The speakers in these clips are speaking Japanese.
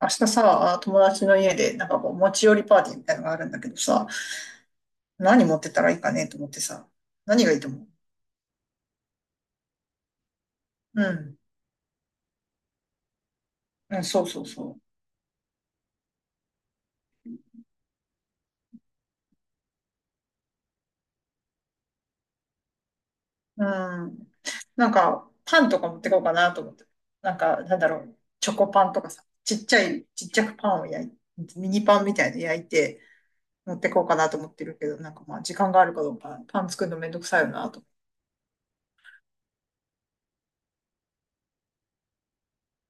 明日さ、友達の家で、なんかこう、持ち寄りパーティーみたいなのがあるんだけどさ、何持ってったらいいかねと思ってさ、何がいいと思う？うん。うん、そうそうそう。うん。なんか、パンとか持ってこうかなと思って。なんか、なんだろう、チョコパンとかさ、ちっちゃくパンをミニパンみたいの焼いて、持ってこうかなと思ってるけど、なんかまあ、時間があるかどうか、パン作るのめんどくさいよなと。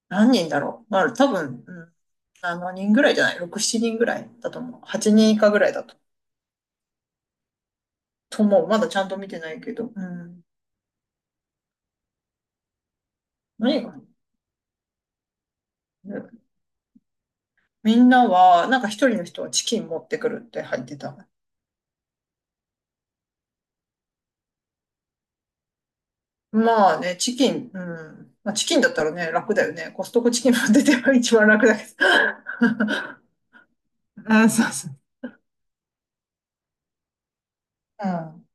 何人だろう。まあ、多分、うん、7人ぐらいじゃない ?6、7人ぐらいだと思う。8人以下ぐらいだと思う。まだちゃんと見てないけど。うん。何が？みんなは、なんか一人の人はチキン持ってくるって入ってた。まあね、チキン、うん。まあ、チキンだったらね、楽だよね。コストコチキン持ってては一番楽だけど。あ、そうそう。うん。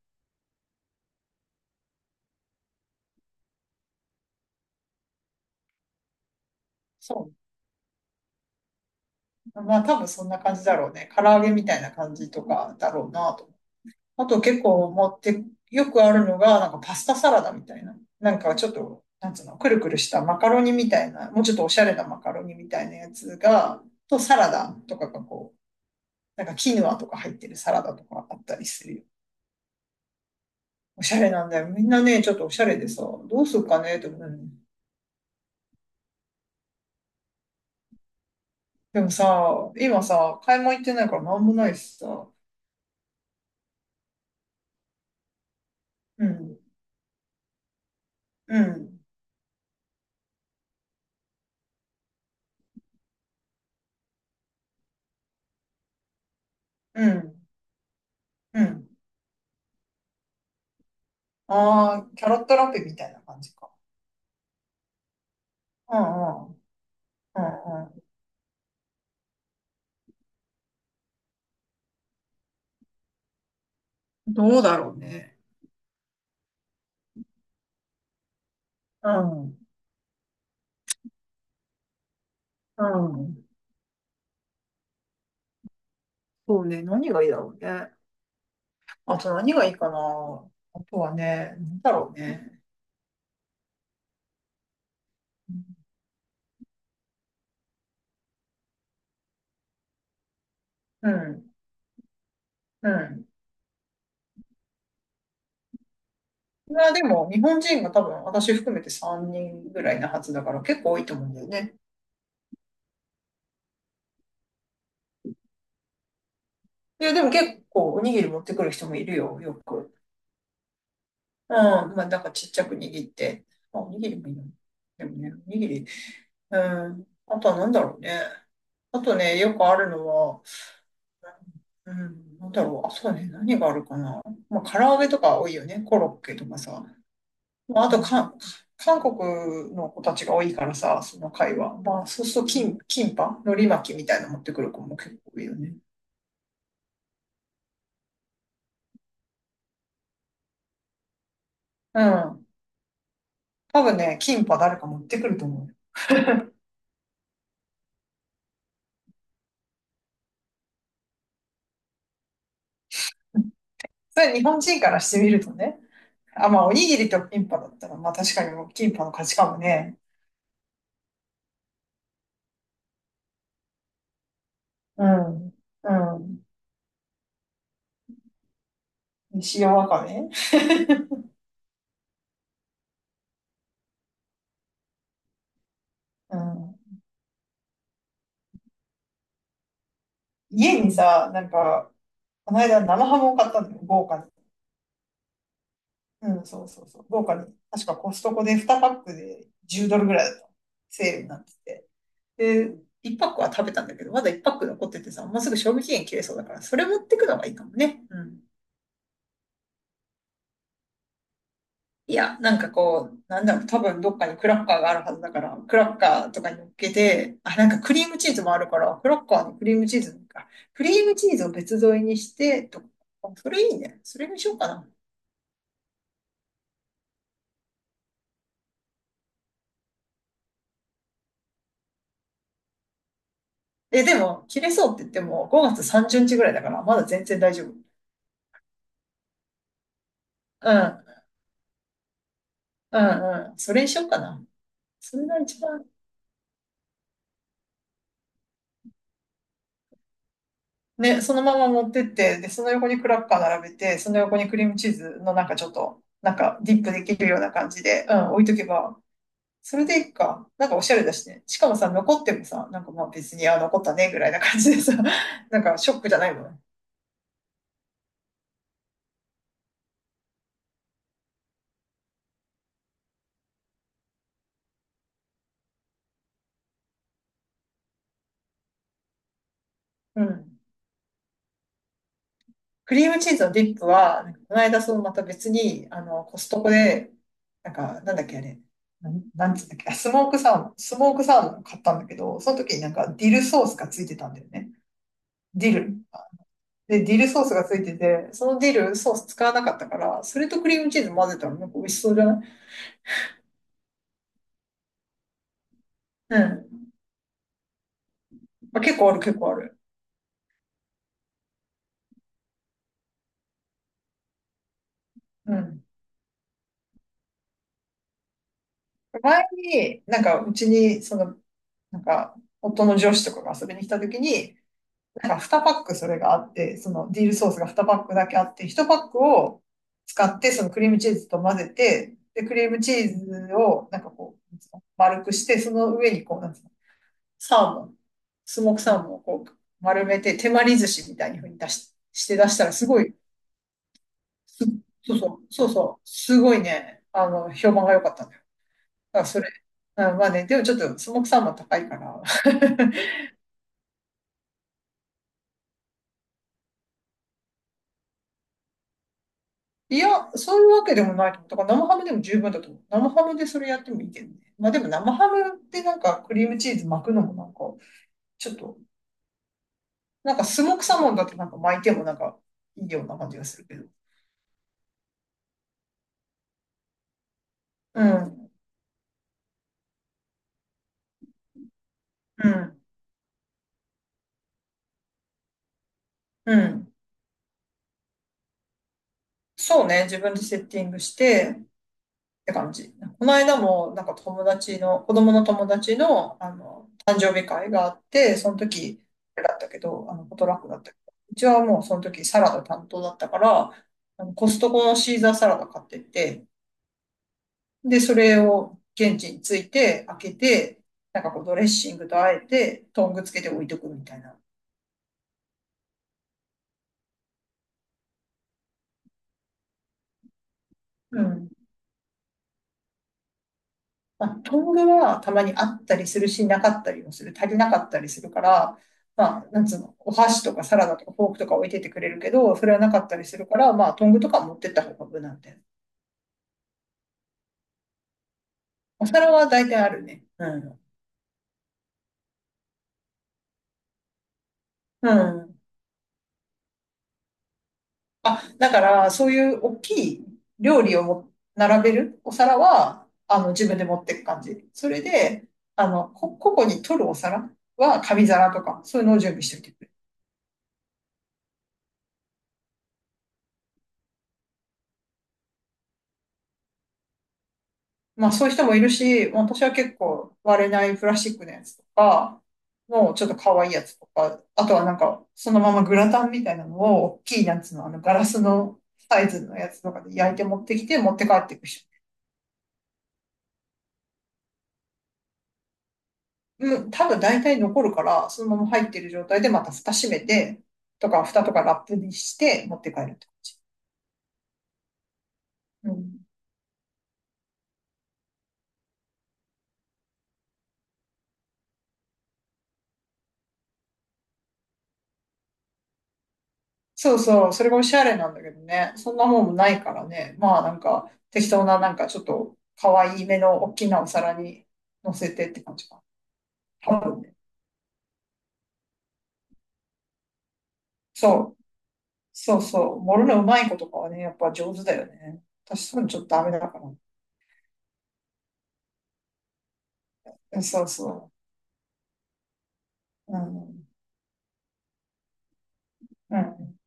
そう。まあ多分そんな感じだろうね。唐揚げみたいな感じとかだろうなと。あと結構持って、よくあるのが、なんかパスタサラダみたいな。なんかちょっと、なんつうの、くるくるしたマカロニみたいな、もうちょっとおしゃれなマカロニみたいなやつが、とサラダとかがこう、なんかキヌアとか入ってるサラダとかあったりするよ。おしゃれなんだよ。みんなね、ちょっとおしゃれでさ、どうするかねって思うのに。でもさ、今さ、買い物行ってないからなんもないしさ、うん、うん、うん、うん。ああ、キャロットラペみたいな感じか。うんうん、うんうん。どうだろうね。うん。うん。そうね。何がいいだろうね。あと何がいいかな。あとはね、何だろうね。うん。うん。まあでも、日本人が多分、私含めて3人ぐらいなはずだから、結構多いと思うんだよね。いや、でも結構、おにぎり持ってくる人もいるよ、よく。うん。まあ、なんかちっちゃく握って。あ、おにぎりもいいの。でもね、おにぎり。うん。あとは何だろうね。あとね、よくあるのは、うん、なんだろう。あ、そうね。何があるかな。まあ、唐揚げとか多いよね。コロッケとかさ。まあ、あとか、韓国の子たちが多いからさ、その会話。まあ、そうすると、キンパ海苔巻きみたいなの持ってくる子も結構多いよね。うん。多分ね、キンパ誰か持ってくると思うよ。うん。それ日本人からしてみるとね。あ、まあ、おにぎりとキンパだったら、まあ確かにもうキンパの価値観もね。うん。うん。塩わかめ。うん。家にさ、なんか、この間生ハムを買ったんだよ、豪華に。うん、そうそうそう、豪華に。確かコストコで2パックで10ドルぐらいだった。セールになってて。で、1パックは食べたんだけど、まだ1パック残っててさ、もうすぐ賞味期限切れそうだから、それ持ってくのがいいかもね。うん。いや、なんかこう、なんだろう、多分どっかにクラッカーがあるはずだから、クラッカーとかに乗っけて、あ、なんかクリームチーズもあるから、クラッカーにクリームチーズなんか、クリームチーズを別添えにして、とか、あ、それいいね。それにしようかな。え、でも、切れそうって言っても、5月30日ぐらいだから、まだ全然大丈夫。うん、うん、うん。それにしようかな。それが一番。ね、そのまま持ってって、で、その横にクラッカー並べて、その横にクリームチーズのなんかちょっと、なんかディップできるような感じで、うん、置いとけば、それでいいか。なんかおしゃれだしね。しかもさ、残ってもさ、なんかまあ別に、あ、残ったね、ぐらいな感じでさ、なんかショックじゃないもんね。うん。クリームチーズのディップは、なんかこの間、そのまた別に、あの、コストコで、なんか、なんだっけ、あれ、なんつうんだっけ、あ、スモークサーモンを買ったんだけど、その時になんかディルソースがついてたんだよね。ディル。で、ディルソースがついてて、そのディルソース使わなかったから、それとクリームチーズ混ぜたらなんか美味しそうじゃない？うん。まあ、結構ある、結構ある。うん。前に、なんか、うちに、その、なんか、夫の上司とかが遊びに来た時に、なんか2パックそれがあって、そのディルソースが2パックだけあって、1パックを使って、そのクリームチーズと混ぜて、で、クリームチーズを、なんかこう、丸くして、その上にこう、なんつうの、サーモン、スモークサーモンをこう、丸めて、手まり寿司みたいに風にして出したら、すごい、す、そうそう、そうそう、すごいね、あの、評判が良かったんだよ。だからそれ、うん、まあね、でもちょっとスモークサーモン高いから、いや、そういうわけでもないと思う。だから生ハムでも十分だと思う。生ハムでそれやってもいいけどね。まあでも生ハムってなんかクリームチーズ巻くのもなんか、ちょっと、なんかスモークサーモンだとなんか巻いてもなんかいいような感じがするけど。うん、うん、うん。そうね、自分でセッティングして、って感じ。この間も、なんか友達の、子供の友達の、あの、誕生日会があって、その時、あれだったけど、あの、ポトラックだったけど、うちはもうその時サラダ担当だったから、あの、コストコのシーザーサラダ買ってって、で、それを現地に着いて、開けて、なんかこうドレッシングとあえて、トングつけて置いとくみたいな。うん。まあ、トングはたまにあったりするし、なかったりもする。足りなかったりするから、まあ、なんつうの、お箸とかサラダとかフォークとか置いててくれるけど、それはなかったりするから、まあ、トングとか持ってった方が無難だよ。お皿は大体あるね。うん。うん。あ、だから、そういう大きい料理をも並べるお皿は、あの、自分で持ってく感じ。それで、あの、個々に取るお皿は紙皿とか、そういうのを準備しておいて。まあそういう人もいるし、私は結構割れないプラスチックのやつとか、もうちょっと可愛いやつとか、あとはなんかそのままグラタンみたいなのを大きいやつのあのガラスのサイズのやつとかで焼いて持ってきて持って帰っていく人。うん、多分大体残るから、そのまま入ってる状態でまた蓋閉めて、とか蓋とかラップにして持って帰ると。うん。そうそう、それがおしゃれなんだけどね。そんなもんもないからね。まあなんか適当ななんかちょっと可愛い目の大きなお皿に乗せてって感じか。多分ね。そう、そうそう。盛るのうまい子とかはね、やっぱ上手だよね。私そういうのちょっとダメだから。うん。そうそう。うん。うん。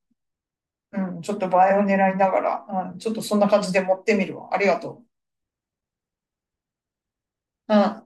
うん。ちょっと映えを狙いながら、うん。ちょっとそんな感じで持ってみるわ。ありがとう。うん。